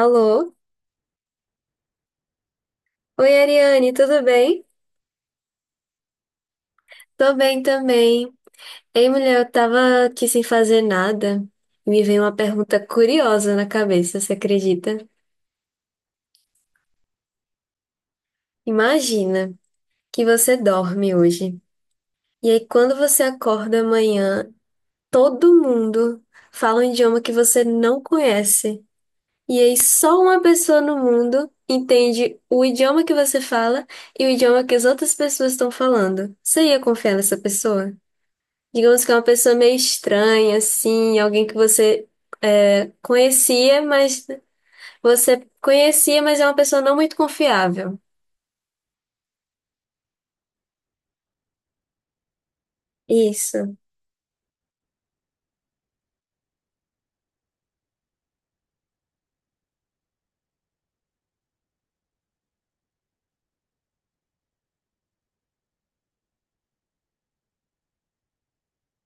Alô? Oi, Ariane, tudo bem? Tô bem também. Ei, mulher, eu tava aqui sem fazer nada. Me veio uma pergunta curiosa na cabeça, você acredita? Imagina que você dorme hoje. E aí, quando você acorda amanhã, todo mundo fala um idioma que você não conhece. E aí, só uma pessoa no mundo entende o idioma que você fala e o idioma que as outras pessoas estão falando. Você ia confiar nessa pessoa? Digamos que é uma pessoa meio estranha, assim, alguém que você conhecia, mas você conhecia, mas é uma pessoa não muito confiável. Isso.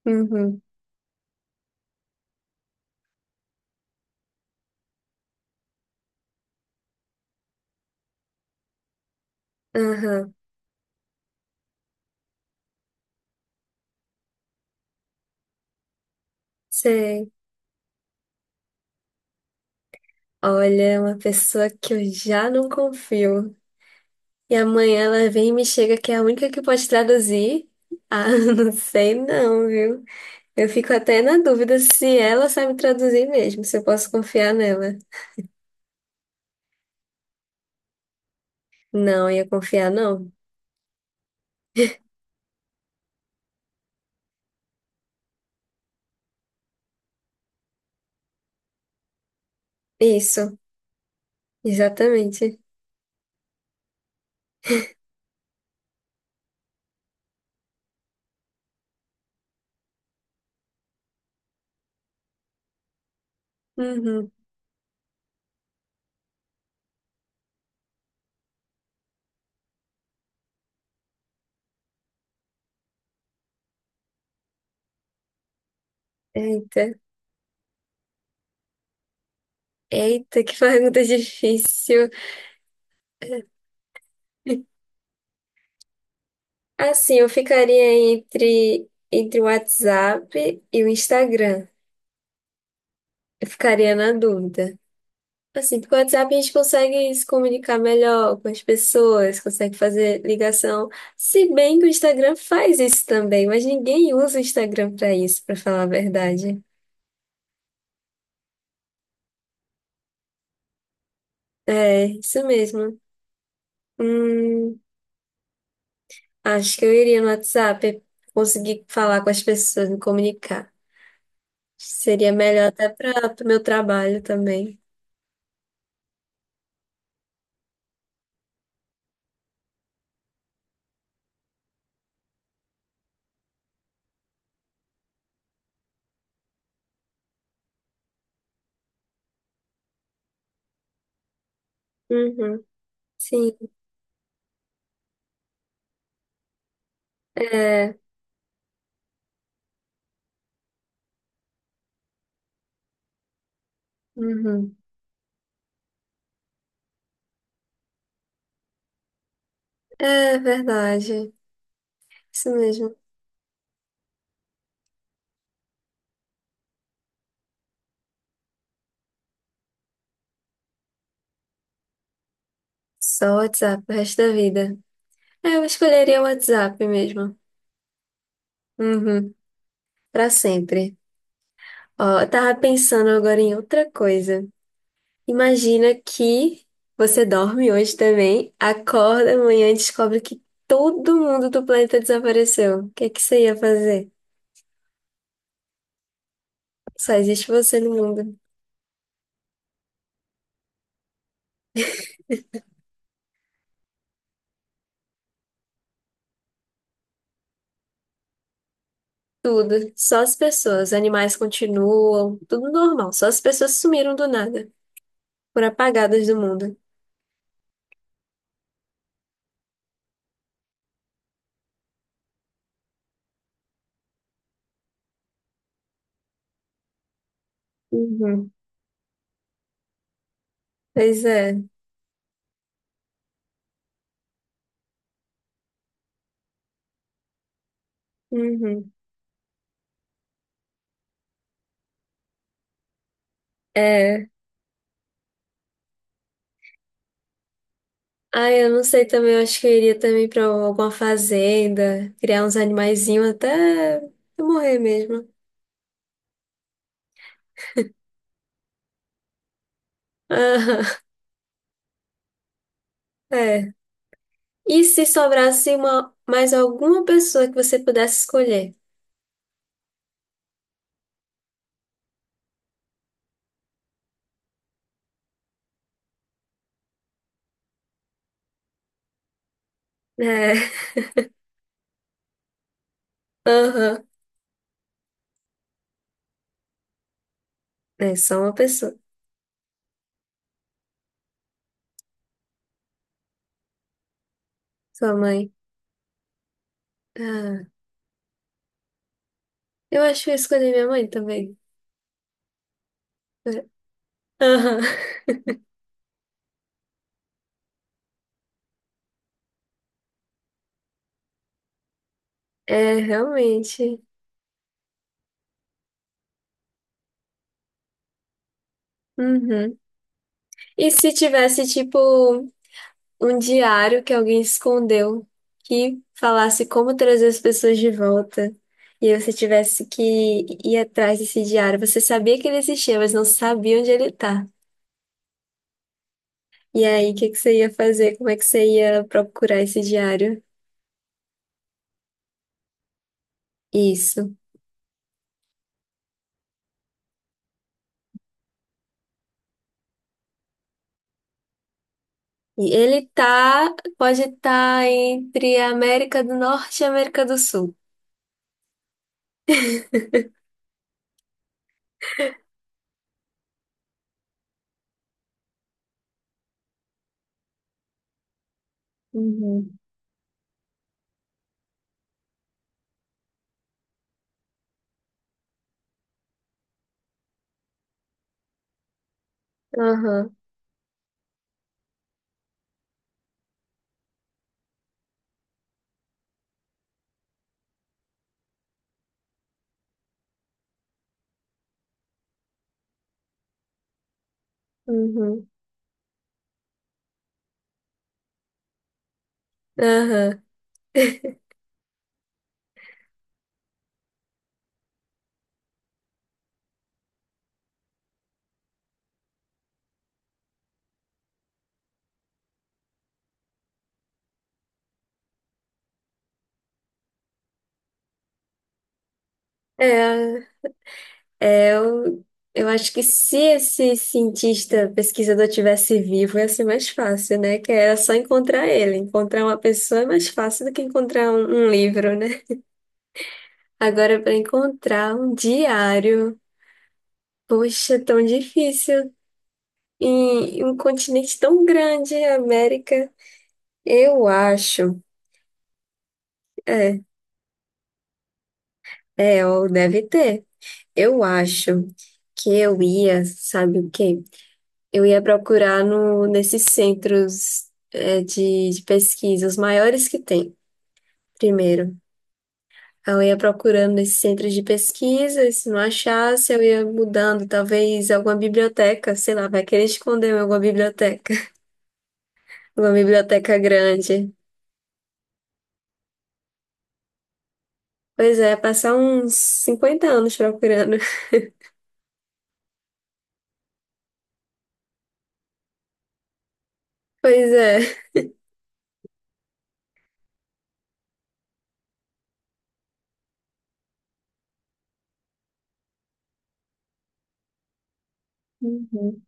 Uhum. Aham. Sei. Olha, é uma pessoa que eu já não confio. E amanhã ela vem e me chega que é a única que pode traduzir. Ah, não sei não, viu? Eu fico até na dúvida se ela sabe traduzir mesmo, se eu posso confiar nela. Não, ia confiar não. Isso, exatamente. Uhum. Eita, eita, que pergunta difícil. Assim, eu ficaria entre o WhatsApp e o Instagram. Eu ficaria na dúvida. Assim, porque o WhatsApp a gente consegue se comunicar melhor com as pessoas, consegue fazer ligação. Se bem que o Instagram faz isso também, mas ninguém usa o Instagram para isso, para falar a verdade. É, isso mesmo. Hum, acho que eu iria no WhatsApp conseguir falar com as pessoas, me comunicar. Seria melhor até para o meu trabalho também. Uhum. Sim, é. Uhum. É verdade. Isso mesmo. Só WhatsApp o resto da vida. É, eu escolheria o WhatsApp mesmo. Uhum. Para sempre. Ó, eu tava pensando agora em outra coisa. Imagina que você dorme hoje também, acorda amanhã e descobre que todo mundo do planeta desapareceu. O que é que você ia fazer? Só existe você no mundo. Tudo. Só as pessoas. Animais continuam. Tudo normal. Só as pessoas sumiram do nada. Foram apagadas do mundo. Uhum. Pois é. Uhum. É. Ah, eu não sei também. Eu acho que eu iria também pra alguma fazenda. Criar uns animaizinhos até eu morrer mesmo. Aham. É. E se sobrasse uma, mais alguma pessoa que você pudesse escolher? É, aham. É só uma pessoa. Sua mãe. Ah, eu acho que eu escolhi minha mãe também. É, aham. É, realmente. Uhum. E se tivesse, tipo, um diário que alguém escondeu que falasse como trazer as pessoas de volta? E você tivesse que ir atrás desse diário. Você sabia que ele existia, mas não sabia onde ele tá. E aí, o que que você ia fazer? Como é que você ia procurar esse diário? Isso. E ele tá, pode estar entre a América do Norte e a América do Sul. Uhum. Aham, uhum, aham. É, é, eu acho que se esse cientista, pesquisador tivesse vivo, ia ser mais fácil, né? Que era só encontrar ele. Encontrar uma pessoa é mais fácil do que encontrar um livro, né? Agora, para encontrar um diário. Poxa, é tão difícil. E um continente tão grande, a América. Eu acho. É, é, ó, deve ter. Eu acho que eu ia, sabe o quê? Eu ia procurar no, nesses centros de pesquisa, os maiores que tem, primeiro. Eu ia procurando nesses centros de pesquisa, e se não achasse, eu ia mudando, talvez alguma biblioteca, sei lá, vai querer esconder em alguma biblioteca, alguma biblioteca grande. Pois é, passar uns 50 anos procurando. Pois é. Uhum.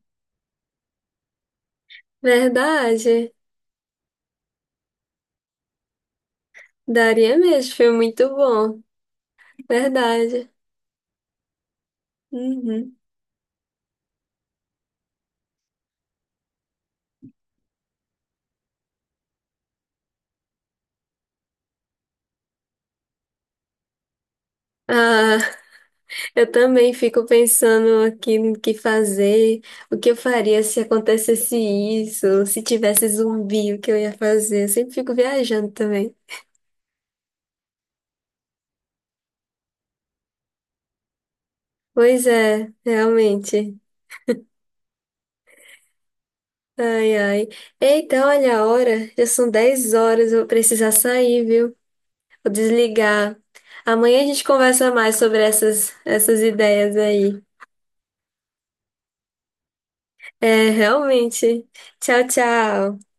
Verdade. Daria mesmo, foi muito bom. Verdade. Uhum. Ah, eu também fico pensando aqui no que fazer, o que eu faria se acontecesse isso, se tivesse zumbi, o que eu ia fazer. Eu sempre fico viajando também. Pois é, realmente. Ai, ai. Eita, olha a hora, já são 10 horas, eu vou precisar sair, viu? Vou desligar. Amanhã a gente conversa mais sobre essas ideias aí. É, realmente. Tchau, tchau.